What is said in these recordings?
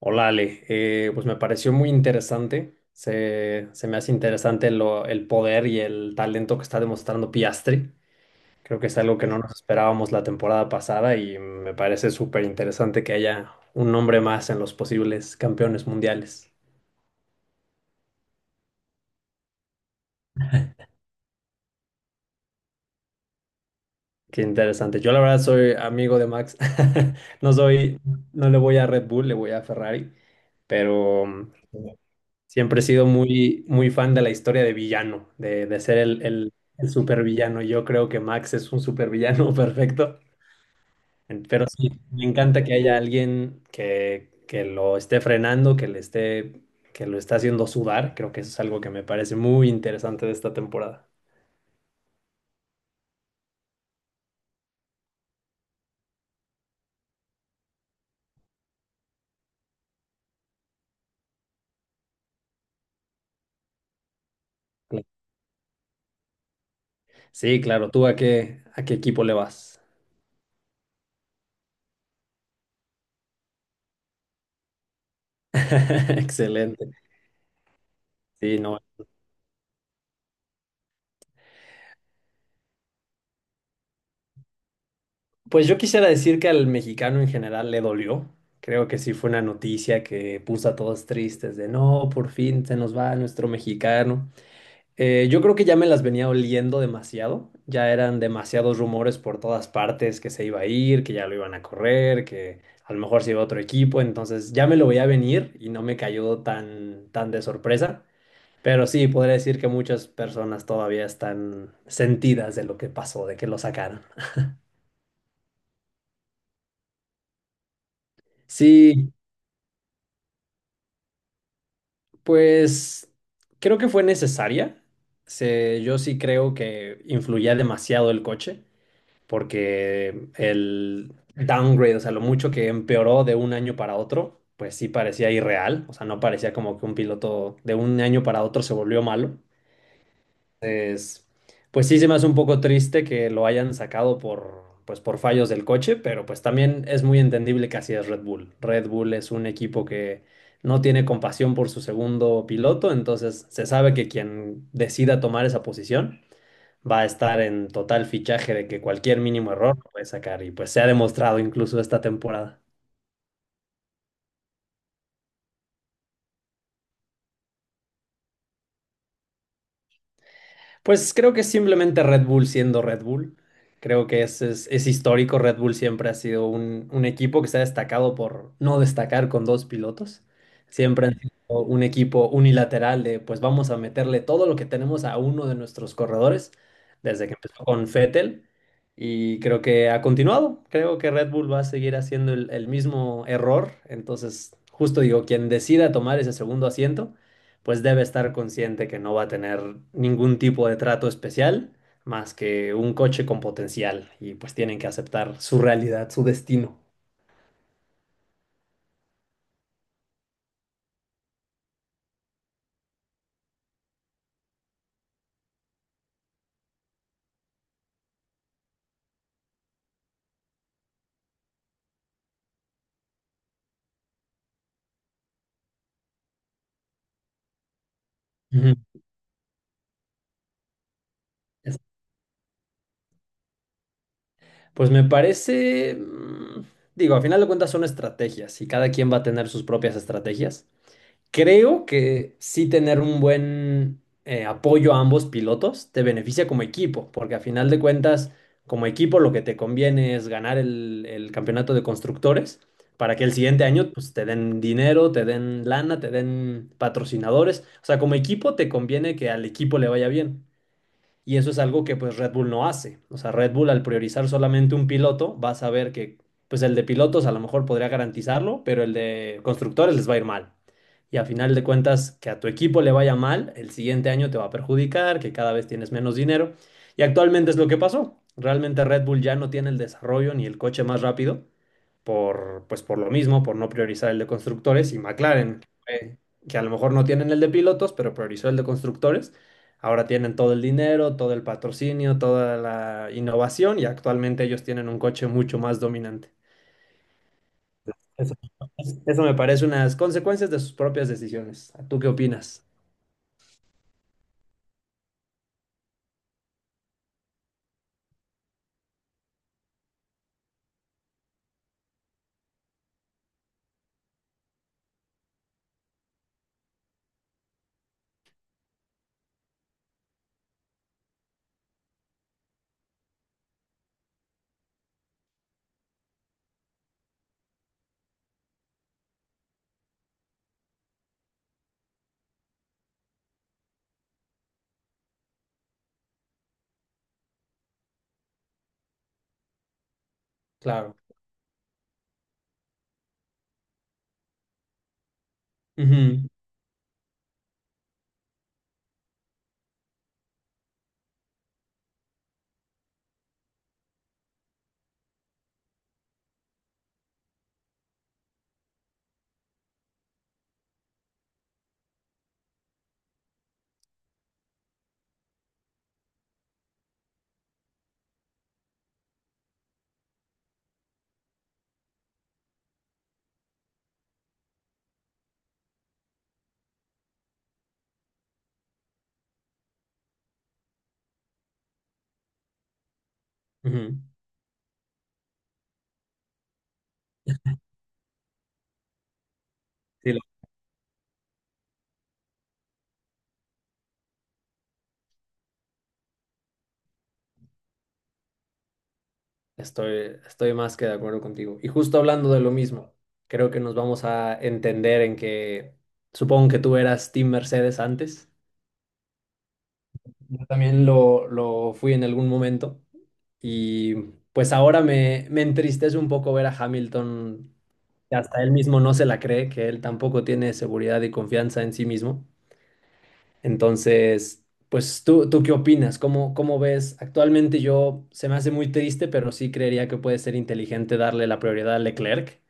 Hola Ale, pues me pareció muy interesante, se me hace interesante el poder y el talento que está demostrando Piastri, creo que es algo que no nos esperábamos la temporada pasada y me parece súper interesante que haya un nombre más en los posibles campeones mundiales. Qué interesante, yo la verdad soy amigo de Max, no soy, no le voy a Red Bull, le voy a Ferrari, pero siempre he sido muy fan de la historia de villano, de ser el supervillano. Yo creo que Max es un supervillano perfecto. Pero sí, me encanta que haya alguien que lo esté frenando, que le esté, que lo está haciendo sudar. Creo que eso es algo que me parece muy interesante de esta temporada. Sí, claro. ¿Tú a qué equipo le vas? Excelente. Sí, no, pues yo quisiera decir que al mexicano en general le dolió. Creo que sí fue una noticia que puso a todos tristes de no, por fin se nos va nuestro mexicano. Yo creo que ya me las venía oliendo demasiado. Ya eran demasiados rumores por todas partes que se iba a ir, que ya lo iban a correr, que a lo mejor se iba a otro equipo. Entonces ya me lo veía venir y no me cayó tan de sorpresa. Pero sí, podría decir que muchas personas todavía están sentidas de lo que pasó, de que lo sacaron. Sí, pues creo que fue necesaria. Yo sí creo que influía demasiado el coche, porque el downgrade, o sea, lo mucho que empeoró de un año para otro, pues sí parecía irreal. O sea, no parecía como que un piloto de un año para otro se volvió malo. Entonces, pues sí se me hace un poco triste que lo hayan sacado por, pues por fallos del coche, pero pues también es muy entendible que así es Red Bull. Red Bull es un equipo que no tiene compasión por su segundo piloto, entonces se sabe que quien decida tomar esa posición va a estar en total fichaje de que cualquier mínimo error lo puede sacar y pues se ha demostrado incluso esta temporada. Pues creo que es simplemente Red Bull siendo Red Bull. Creo que es histórico. Red Bull siempre ha sido un equipo que se ha destacado por no destacar con dos pilotos. Siempre han sido un equipo unilateral de pues vamos a meterle todo lo que tenemos a uno de nuestros corredores desde que empezó con Vettel. Y creo que ha continuado. Creo que Red Bull va a seguir haciendo el mismo error. Entonces, justo digo, quien decida tomar ese segundo asiento pues debe estar consciente que no va a tener ningún tipo de trato especial más que un coche con potencial y pues tienen que aceptar su realidad, su destino. Ujú. Es- Pues me parece, digo, a final de cuentas son estrategias y cada quien va a tener sus propias estrategias. Creo que sí tener un buen apoyo a ambos pilotos te beneficia como equipo, porque a final de cuentas, como equipo lo que te conviene es ganar el campeonato de constructores para que el siguiente año pues, te den dinero, te den lana, te den patrocinadores. O sea, como equipo te conviene que al equipo le vaya bien. Y eso es algo que pues Red Bull no hace. O sea, Red Bull al priorizar solamente un piloto va a saber que pues el de pilotos a lo mejor podría garantizarlo, pero el de constructores les va a ir mal. Y a final de cuentas, que a tu equipo le vaya mal, el siguiente año te va a perjudicar, que cada vez tienes menos dinero. Y actualmente es lo que pasó. Realmente Red Bull ya no tiene el desarrollo ni el coche más rápido, por, pues por lo mismo, por no priorizar el de constructores, y McLaren, que a lo mejor no tienen el de pilotos, pero priorizó el de constructores. Ahora tienen todo el dinero, todo el patrocinio, toda la innovación y actualmente ellos tienen un coche mucho más dominante. Eso, eso me parece unas consecuencias de sus propias decisiones. ¿Tú qué opinas? Claro. Ujú, ujú. Sí, estoy, estoy más que de acuerdo contigo. Y justo hablando de lo mismo, creo que nos vamos a entender en que supongo que tú eras Team Mercedes antes. Yo también lo fui en algún momento. Y pues ahora me entristece un poco ver a Hamilton, que hasta él mismo no se la cree, que él tampoco tiene seguridad y confianza en sí mismo. Entonces, pues tú, ¿tú qué opinas? ¿Cómo, cómo ves? Actualmente yo se me hace muy triste, pero sí creería que puede ser inteligente darle la prioridad a Leclerc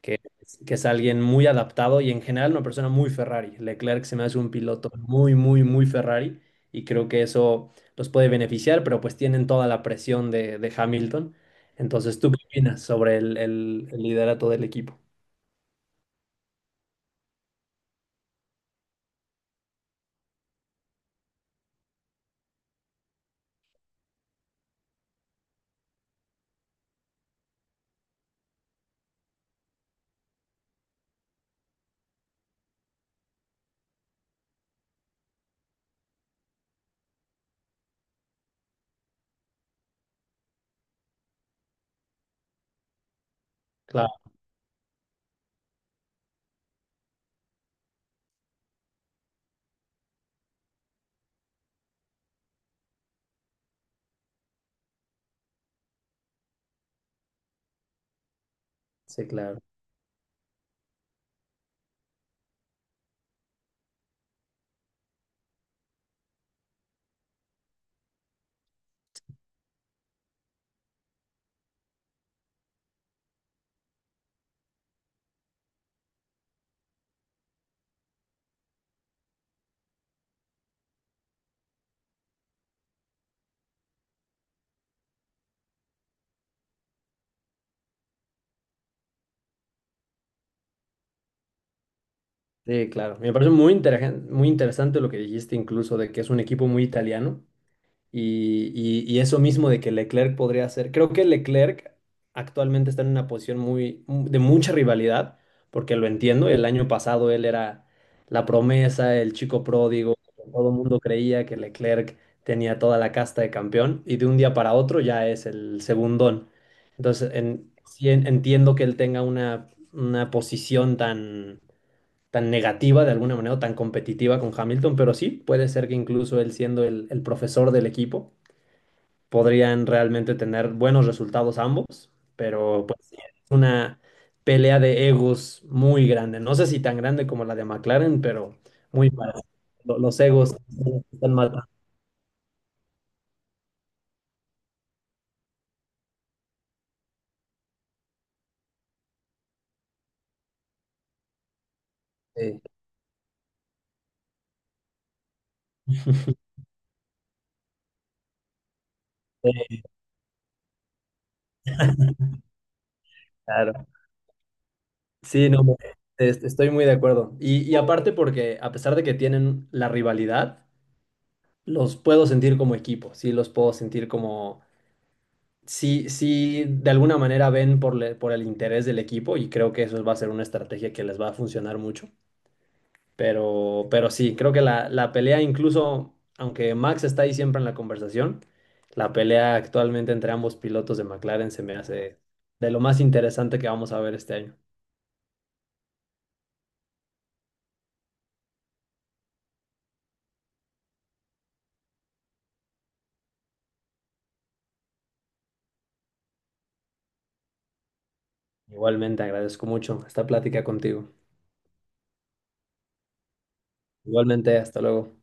que es alguien muy adaptado y en general una persona muy Ferrari. Leclerc se me hace un piloto muy Ferrari y creo que eso los puede beneficiar, pero pues tienen toda la presión de Hamilton. Entonces, ¿tú qué opinas sobre el liderato del equipo? Claro, sí, claro. Sí, claro. Me parece muy interesante lo que dijiste incluso de que es un equipo muy italiano. Y eso mismo de que Leclerc podría hacer. Creo que Leclerc actualmente está en una posición muy de mucha rivalidad, porque lo entiendo. El año pasado él era la promesa, el chico pródigo. Todo el mundo creía que Leclerc tenía toda la casta de campeón y de un día para otro ya es el segundón. Entonces, sí entiendo que él tenga una posición tan, tan negativa de alguna manera, o tan competitiva con Hamilton, pero sí, puede ser que incluso él siendo el profesor del equipo podrían realmente tener buenos resultados ambos, pero pues es una pelea de egos muy grande. No sé si tan grande como la de McLaren, pero muy parecida. Los egos están matando. Sí, sí, claro. Sí, no, estoy muy de acuerdo. Y aparte porque a pesar de que tienen la rivalidad, los puedo sentir como equipo, sí, los puedo sentir como... Sí, sí, de alguna manera ven por, por el interés del equipo y creo que eso va a ser una estrategia que les va a funcionar mucho. Pero sí, creo que la pelea, incluso aunque Max está ahí siempre en la conversación, la pelea actualmente entre ambos pilotos de McLaren se me hace de lo más interesante que vamos a ver este año. Igualmente, agradezco mucho esta plática contigo. Igualmente, hasta luego.